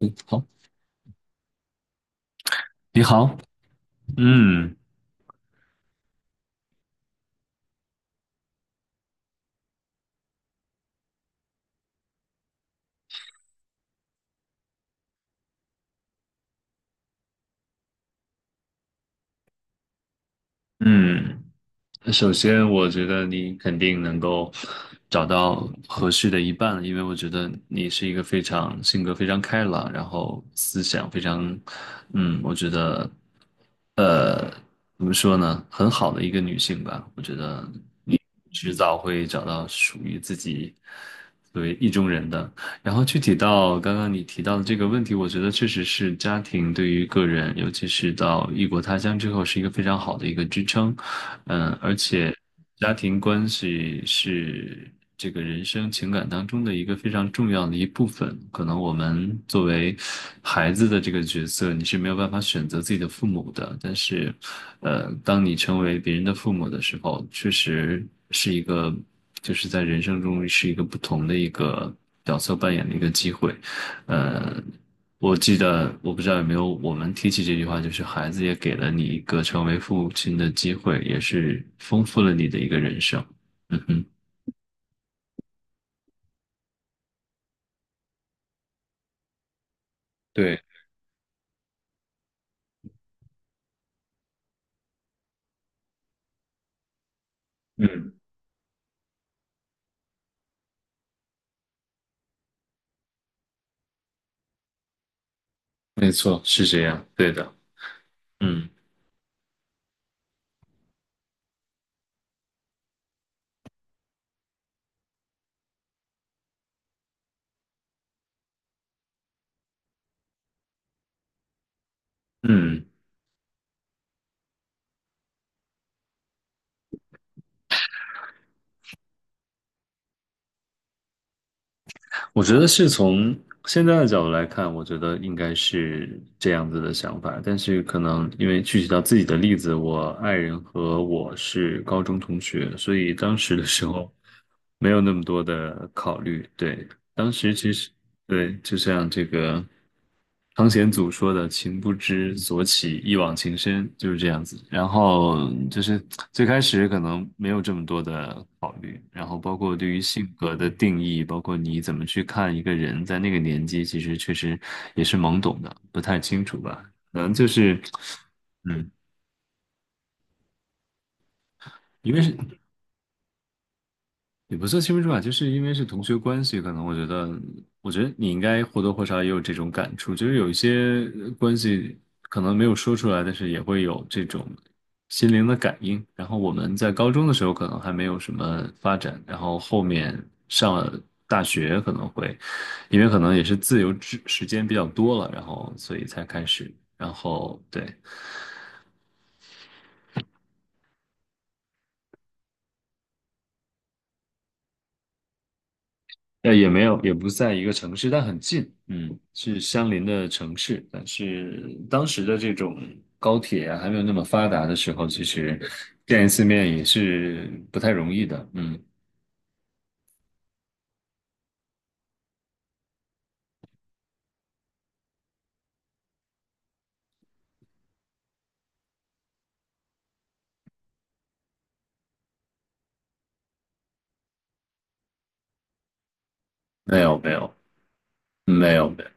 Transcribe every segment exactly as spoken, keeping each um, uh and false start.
嗯，好，你好，嗯嗯，首先，我觉得你肯定能够找到合适的一半，因为我觉得你是一个非常性格非常开朗，然后思想非常，嗯，我觉得，呃，怎么说呢，很好的一个女性吧。我觉得你迟早会找到属于自己作为意中人的。然后具体到刚刚你提到的这个问题，我觉得确实是家庭对于个人，尤其是到异国他乡之后，是一个非常好的一个支撑。嗯，而且家庭关系是这个人生情感当中的一个非常重要的一部分。可能我们作为孩子的这个角色，你是没有办法选择自己的父母的。但是，呃，当你成为别人的父母的时候，确实是一个，就是在人生中是一个不同的一个角色扮演的一个机会。呃，我记得我不知道有没有我们提起这句话，就是孩子也给了你一个成为父亲的机会，也是丰富了你的一个人生。嗯哼，对，嗯，没错，是这样，对的，嗯嗯。我觉得是从现在的角度来看，我觉得应该是这样子的想法。但是可能因为具体到自己的例子，我爱人和我是高中同学，所以当时的时候没有那么多的考虑。对，当时其实。对，就像这个汤显祖说的“情不知所起，一往情深”，就是这样子。然后就是最开始可能没有这么多的考虑，然后包括对于性格的定义，包括你怎么去看一个人，在那个年纪，其实确实也是懵懂的，不太清楚吧。可能就是，嗯，因为是。也不算青竹吧，就是因为是同学关系，可能我觉得，我觉得你应该或多或少也有这种感触，就是有一些呃关系可能没有说出来，但是也会有这种心灵的感应。然后我们在高中的时候可能还没有什么发展，然后后面上了大学可能会，因为可能也是自由之时间比较多了，然后所以才开始，然后对。呃，也没有，也不在一个城市，但很近，嗯，是相邻的城市。但是当时的这种高铁啊，还没有那么发达的时候，其实见一次面也是不太容易的。嗯，没有，没有，没有，没有，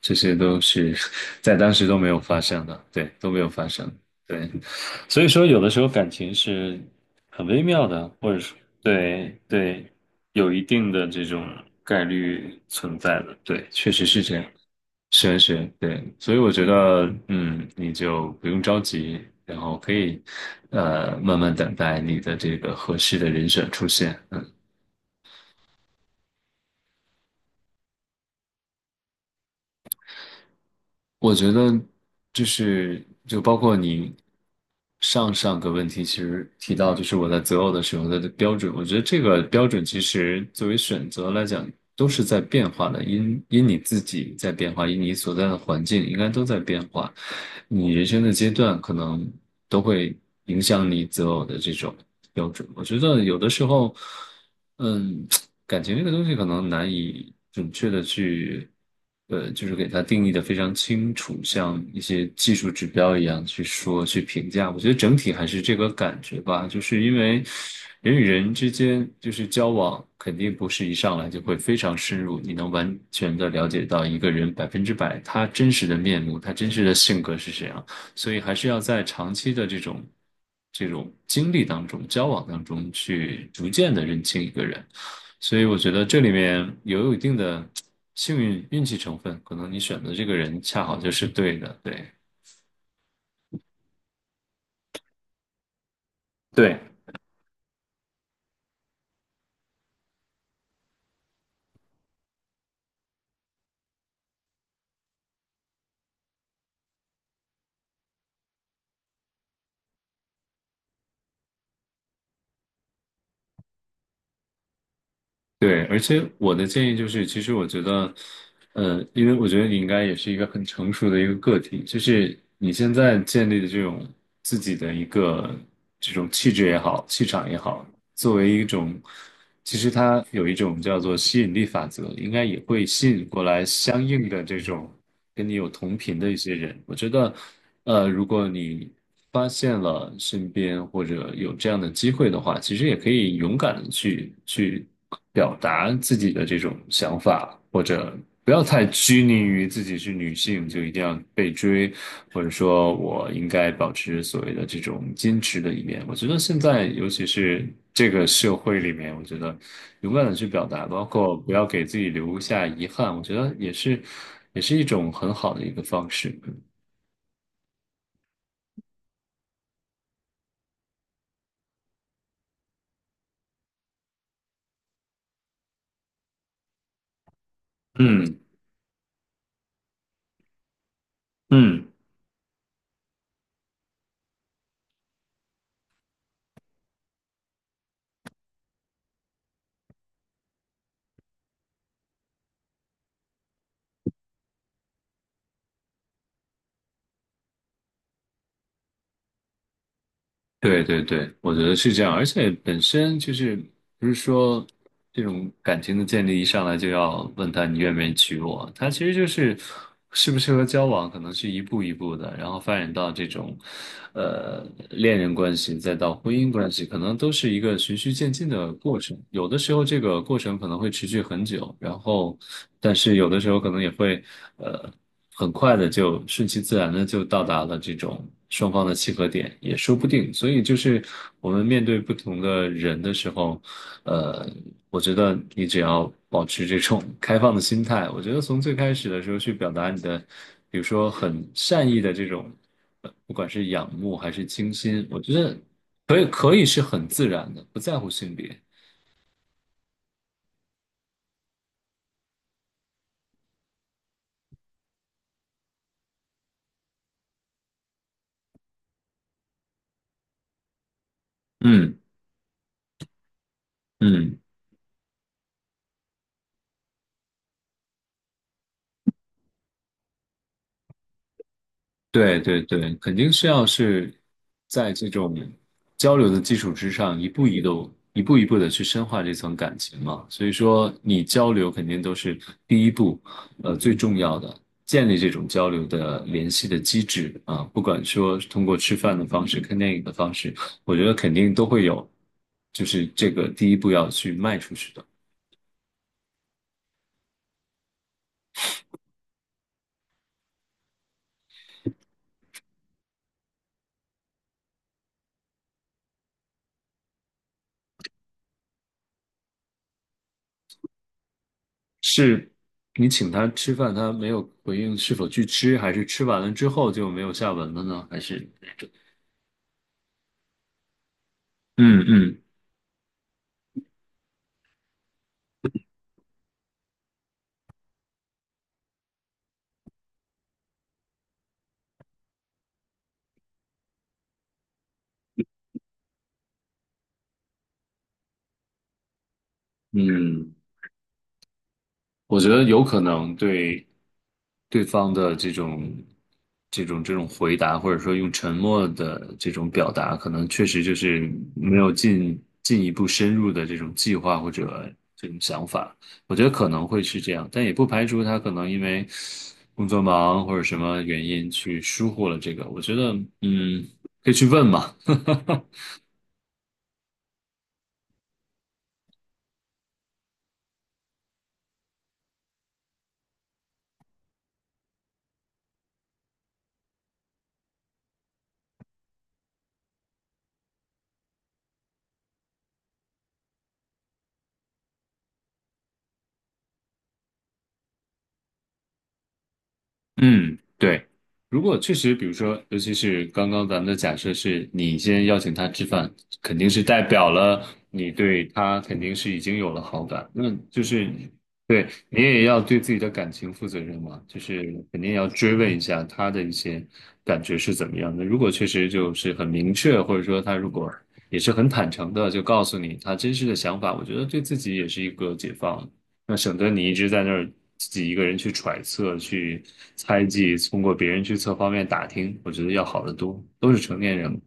这些都是 在当时都没有发生的，对，都没有发生，对。所以说，有的时候感情是很微妙的，或者说，对对，有一定的这种概率存在的，对，确实是这样。是是，对，所以我觉得，嗯，你就不用着急，然后可以，呃，慢慢等待你的这个合适的人选出现。嗯。我觉得就是就包括你上上个问题，其实提到就是我在择偶的时候的标准，我觉得这个标准其实作为选择来讲都是在变化的，因因你自己在变化，因你所在的环境应该都在变化，你人生的阶段可能都会影响你择偶的这种标准。我觉得有的时候。嗯，感情这个东西可能难以准确的去，呃，就是给它定义的非常清楚，像一些技术指标一样去说去评价。我觉得整体还是这个感觉吧，就是因为人与人之间就是交往，肯定不是一上来就会非常深入，你能完全的了解到一个人百分之百他真实的面目，他真实的性格是什样。所以还是要在长期的这种这种经历当中、交往当中去逐渐的认清一个人。所以我觉得这里面也有一定的幸运运气成分，可能你选的这个人恰好就是对的，对。对，对，而且我的建议就是，其实我觉得，呃，因为我觉得你应该也是一个很成熟的一个个体，就是你现在建立的这种自己的一个这种气质也好，气场也好，作为一种，其实它有一种叫做吸引力法则，应该也会吸引过来相应的这种跟你有同频的一些人。我觉得，呃，如果你发现了身边或者有这样的机会的话，其实也可以勇敢的去去。表达自己的这种想法，或者不要太拘泥于自己是女性就一定要被追，或者说我应该保持所谓的这种矜持的一面。我觉得现在尤其是这个社会里面，我觉得勇敢的去表达，包括不要给自己留下遗憾，我觉得也是也是一种很好的一个方式。嗯嗯。对对对，我觉得是这样，而且本身就是不是说这种感情的建立一上来就要问他你愿不愿意娶我，他其实就是适不适合交往，可能是一步一步的，然后发展到这种呃恋人关系，再到婚姻关系，可能都是一个循序渐进的过程。有的时候这个过程可能会持续很久，然后但是有的时候可能也会呃。很快的就顺其自然的就到达了这种双方的契合点，也说不定。所以就是我们面对不同的人的时候，呃，我觉得你只要保持这种 开放的心态，我觉得从最开始的时候去表达你的，比如说很善意的这种，呃不管是仰慕还是倾心，我觉得可以可以是很自然的，不在乎性别。嗯嗯。对对对，肯定是要是在这种交流的基础之上，一步一步、一步一步的去深化这层感情嘛。所以说，你交流肯定都是第一步，呃，最重要的，建立这种交流的联系的机制啊。不管说是通过吃饭的方式、看电影的方式，我觉得肯定都会有，就是这个第一步要去迈出去的。是你请他吃饭，他没有回应是否去吃，还是吃完了之后就没有下文了呢？还是嗯嗯嗯，我觉得有可能对对方的这种、这种、这种回答，或者说用沉默的这种表达，可能确实就是没有进进一步深入的这种计划或者这种想法。我觉得可能会是这样，但也不排除他可能因为工作忙或者什么原因去疏忽了这个。我觉得，嗯，可以去问嘛。嗯，对。如果确实，比如说，尤其是刚刚咱们的假设是你先邀请他吃饭，肯定是代表了你对他肯定是已经有了好感。那就是对你也要对自己的感情负责任嘛，就是肯定要追问一下他的一些感觉是怎么样的。如果确实就是很明确，或者说他如果也是很坦诚的，就告诉你他真实的想法，我觉得对自己也是一个解放。那省得你一直在那儿自己一个人去揣测、去猜忌，通过别人去侧方面打听，我觉得要好得多。都是成年人了，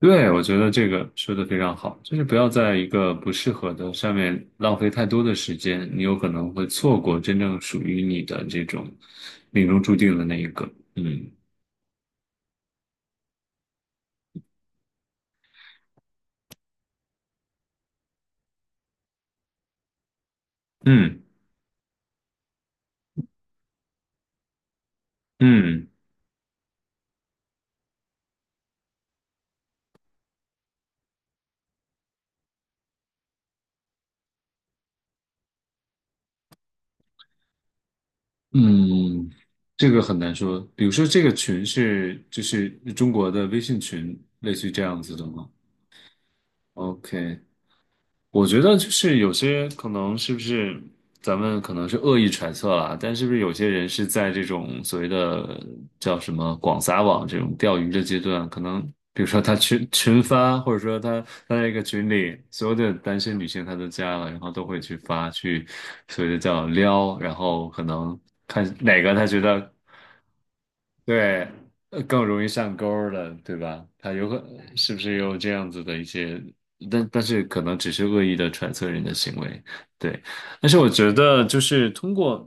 对，我觉得这个说的非常好，就是不要在一个不适合的上面浪费太多的时间，你有可能会错过真正属于你的这种命中注定的那一个。嗯嗯嗯嗯，这个很难说。比如说，这个群是就是中国的微信群，类似于这样子的吗？OK，我觉得就是有些可能是不是咱们可能是恶意揣测啦，但是不是有些人是在这种所谓的叫什么广撒网这种钓鱼的阶段，可能比如说他群群发，或者说他他在一个群里，所有的单身女性他都加了，然后都会去发去所谓的叫撩，然后可能看哪个他觉得。对，呃更容易上钩儿了，对吧？他有可能是不是有这样子的一些，但但是可能只是恶意的揣测人的行为，对。但是我觉得就是通过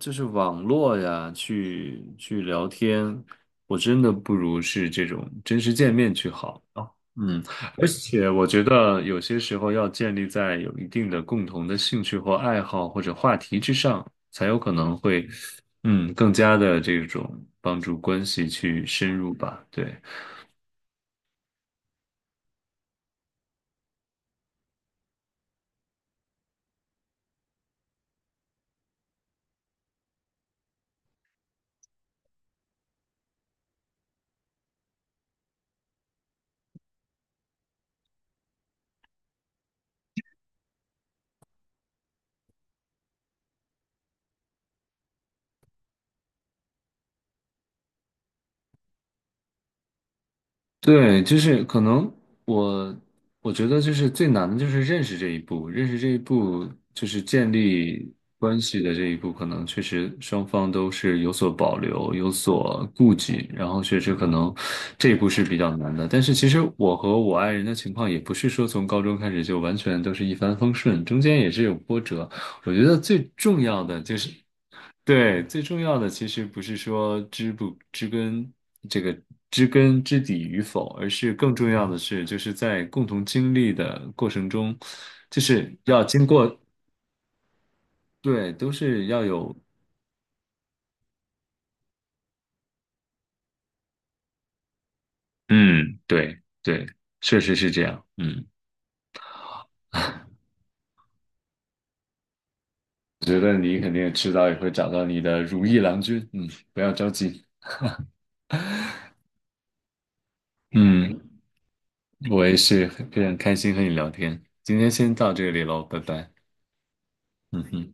就是网络呀，去去聊天，我真的不如是这种真实见面去好啊。嗯，而且我觉得有些时候要建立在有一定的共同的兴趣或爱好或者话题之上，才有可能会，嗯，更加的这种帮助关系去深入吧。对，对，就是可能我我觉得就是最难的就是认识这一步，认识这一步就是建立关系的这一步，可能确实双方都是有所保留、有所顾忌，然后确实可能这一步是比较难的。但是其实我和我爱人的情况也不是说从高中开始就完全都是一帆风顺，中间也是有波折。我觉得最重要的就是。对，最重要的其实不是说知不知根这个知根知底与否，而是更重要的是，就是在共同经历的过程中，就是要经过，对，都是要有，嗯，对对，确实是这样，嗯，我觉得你肯定迟早也会找到你的如意郎君，嗯，不要着急，嗯，我也是很非常开心和你聊天，今天先到这里喽，拜拜，嗯哼。